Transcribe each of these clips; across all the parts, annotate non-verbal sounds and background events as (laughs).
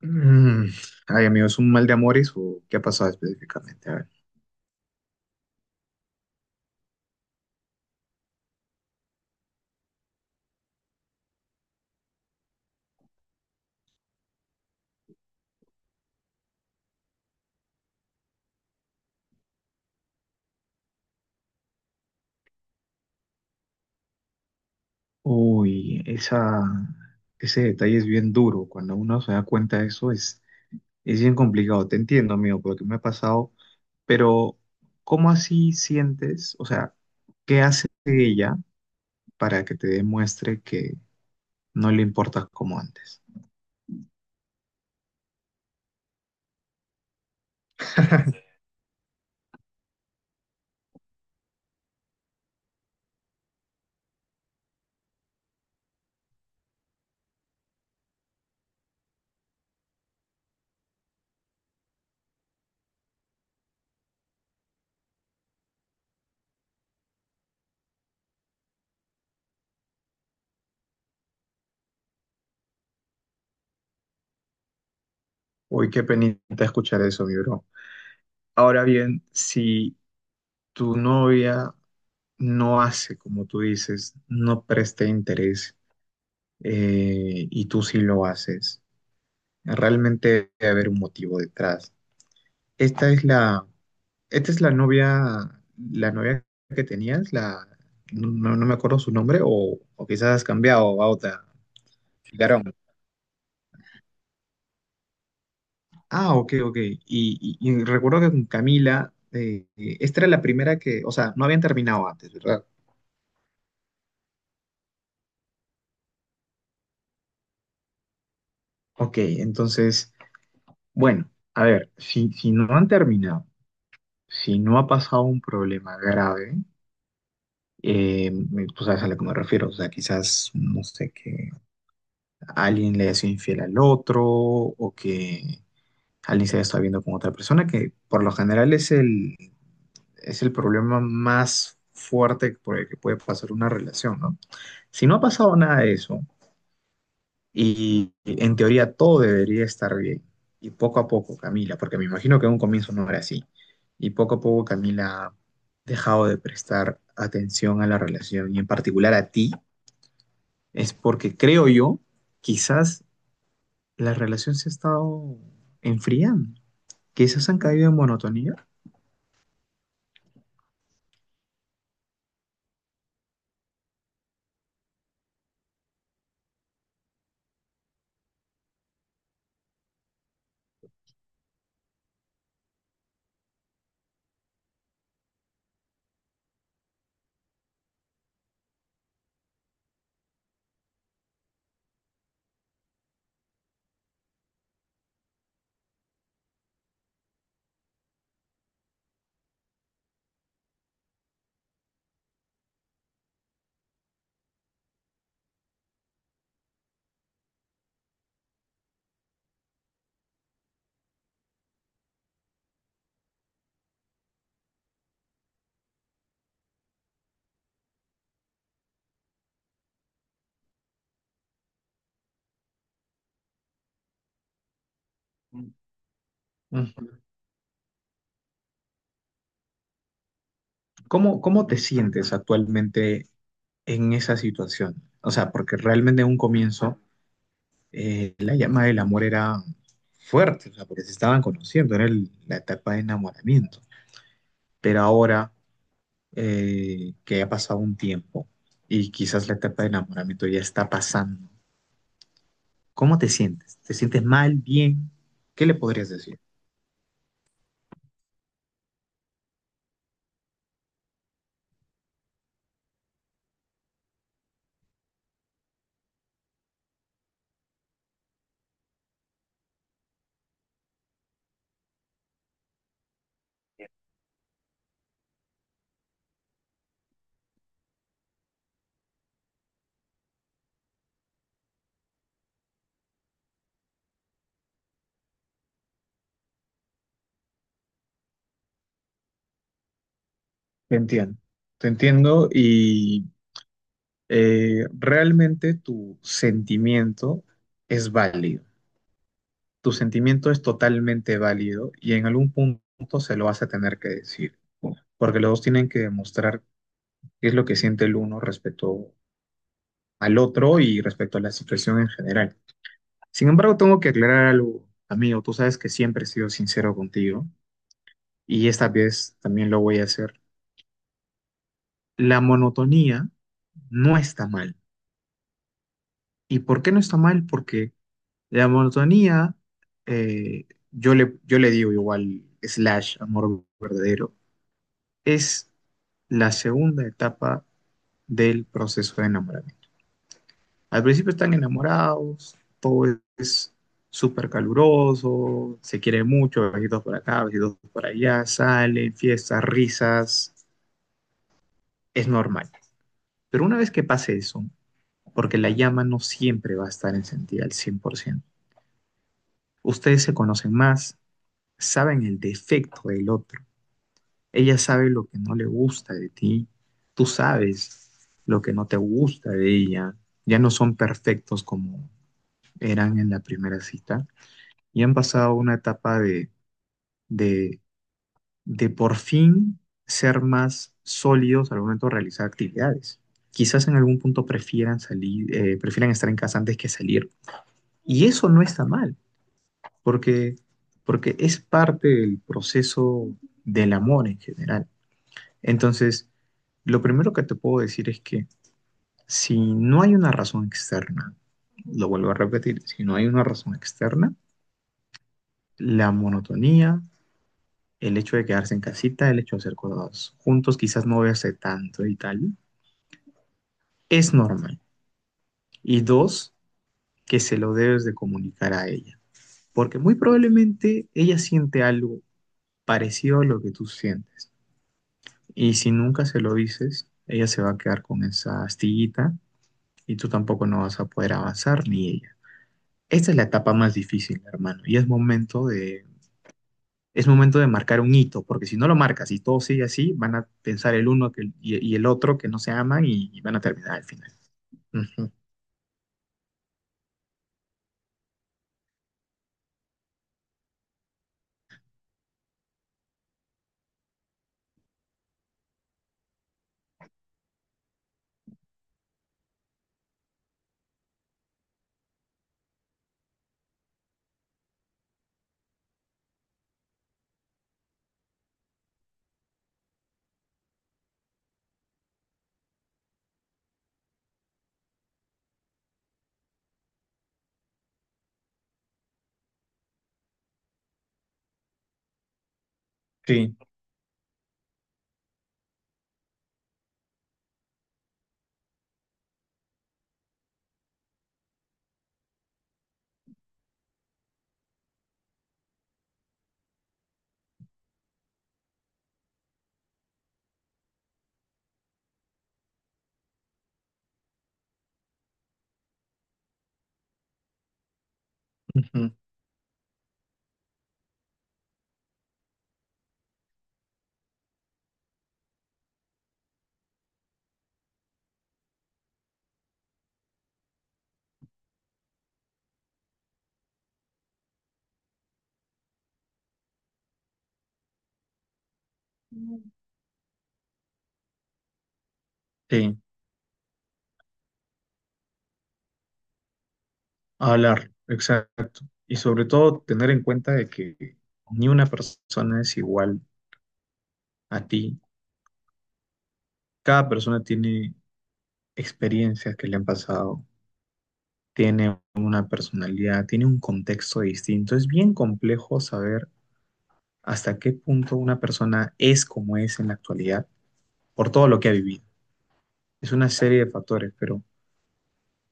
Mm. Ay, amigo, ¿es un mal de amores o qué ha pasado específicamente? A ver. Uy, ese detalle es bien duro. Cuando uno se da cuenta de eso es bien complicado. Te entiendo, amigo, porque me ha pasado. Pero, ¿cómo así sientes? O sea, ¿qué hace ella para que te demuestre que no le importas como antes? (laughs) Uy, qué penita escuchar eso, mi bro. Ahora bien, si tu novia no hace como tú dices, no presta interés, y tú sí lo haces. Realmente debe haber un motivo detrás. Esta es la, esta es la novia que tenías, la, no, no- no me acuerdo su nombre, o quizás has cambiado a otra. Garón. Ah, ok, ok. Y recuerdo que con Camila, esta era la primera que, o sea, no habían terminado antes, ¿verdad? Ok, entonces, bueno, a ver, si no han terminado, si no ha pasado un problema grave, eh, tú sabes a lo que me refiero, o sea, quizás, no sé, que alguien le haya sido infiel al otro o que alguien se haya estado viendo con otra persona, que por lo general es el problema más fuerte por el que puede pasar una relación, ¿no? Si no ha pasado nada de eso, y en teoría todo debería estar bien. Y poco a poco, Camila, porque me imagino que en un comienzo no era así. Y poco a poco Camila ha dejado de prestar atención a la relación y en particular a ti, es porque creo yo, quizás la relación se ha estado enfriando. Quizás han caído en monotonía. Ujú. ¿Cómo te sientes actualmente en esa situación? O sea, porque realmente en un comienzo, la llama del amor era fuerte, o sea, porque se estaban conociendo, era la etapa de enamoramiento. Pero ahora, que ha pasado un tiempo y quizás la etapa de enamoramiento ya está pasando, ¿cómo te sientes? ¿Te sientes mal, bien? ¿Qué le podrías decir? Te entiendo, te entiendo y, realmente tu sentimiento es válido. Tu sentimiento es totalmente válido y en algún punto se lo vas a tener que decir, porque los dos tienen que demostrar qué es lo que siente el uno respecto al otro y respecto a la situación en general. Sin embargo, tengo que aclarar algo, amigo, tú sabes que siempre he sido sincero contigo y esta vez también lo voy a hacer. La monotonía no está mal. ¿Y por qué no está mal? Porque la monotonía, yo le digo igual/amor verdadero, es la segunda etapa del proceso de enamoramiento. Al principio están enamorados, todo es súper caluroso, se quiere mucho, besitos por acá, besitos por allá, salen, fiestas, risas, es normal. Pero una vez que pase eso, porque la llama no siempre va a estar encendida al 100%, ustedes se conocen más, saben el defecto del otro. Ella sabe lo que no le gusta de ti, tú sabes lo que no te gusta de ella. Ya no son perfectos como eran en la primera cita y han pasado una etapa de, de, de, por fin ser más sólidos al momento de realizar actividades. Quizás en algún punto prefieran salir, prefieran estar en casa antes que salir. Y eso no está mal, porque, porque es parte del proceso del amor en general. Entonces, lo primero que te puedo decir es que si no hay una razón externa, lo vuelvo a repetir, si no hay una razón externa, la monotonía, el hecho de quedarse en casita, el hecho de hacer cosas juntos, quizás no verse tanto y tal, es normal. Y dos, que se lo debes de comunicar a ella, porque muy probablemente ella siente algo parecido a lo que tú sientes. Y si nunca se lo dices, ella se va a quedar con esa astillita y tú tampoco no vas a poder avanzar ni ella. Esta es la etapa más difícil, hermano, y es momento de marcar un hito, porque si no lo marcas y todo sigue así, van a pensar el uno que, y el otro que no se aman y van a terminar al final. Ujú, sí, ujú, sí, hablar, exacto. Y sobre todo tener en cuenta de que ni una persona es igual a ti. Cada persona tiene experiencias que le han pasado, tiene una personalidad, tiene un contexto distinto. Es bien complejo saber hasta qué punto una persona es como es en la actualidad por todo lo que ha vivido. Es una serie de factores, pero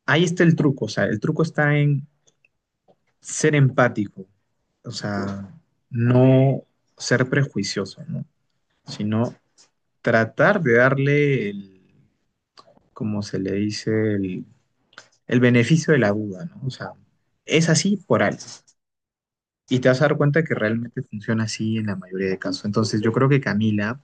ahí está el truco, o sea, el truco está en ser empático, o sea, no ser prejuicioso, ¿no? Sino tratar de darle el, como se le dice, el beneficio de la duda, ¿no? O sea, es así por algo. Y te vas a dar cuenta que realmente funciona así en la mayoría de casos. Entonces, yo creo que Camila,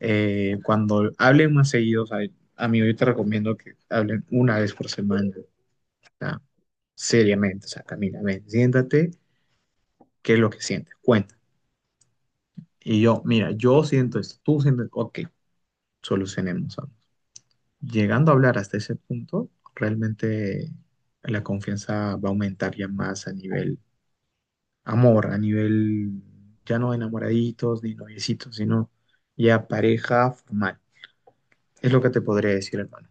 eh, cuando hablen más seguido, o sea, amigo, yo te recomiendo que hablen una vez por semana, o sea, seriamente, o sea, Camila, ven, siéntate, ¿qué es lo que sientes? Cuenta. Y yo, mira, yo siento esto, tú sientes, ok, solucionemos. Vamos. Llegando a hablar hasta ese punto, realmente la confianza va a aumentar ya más a nivel amor, a nivel ya no enamoraditos ni noviecitos, sino ya pareja formal. Es lo que te podría decir, hermano.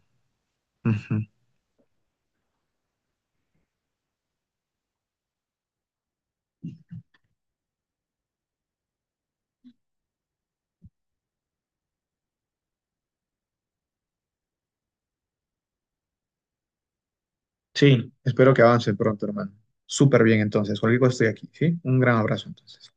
Sí, espero que avance pronto, hermano. Súper bien, entonces. Cualquier cosa estoy aquí, ¿sí? Un gran abrazo, entonces.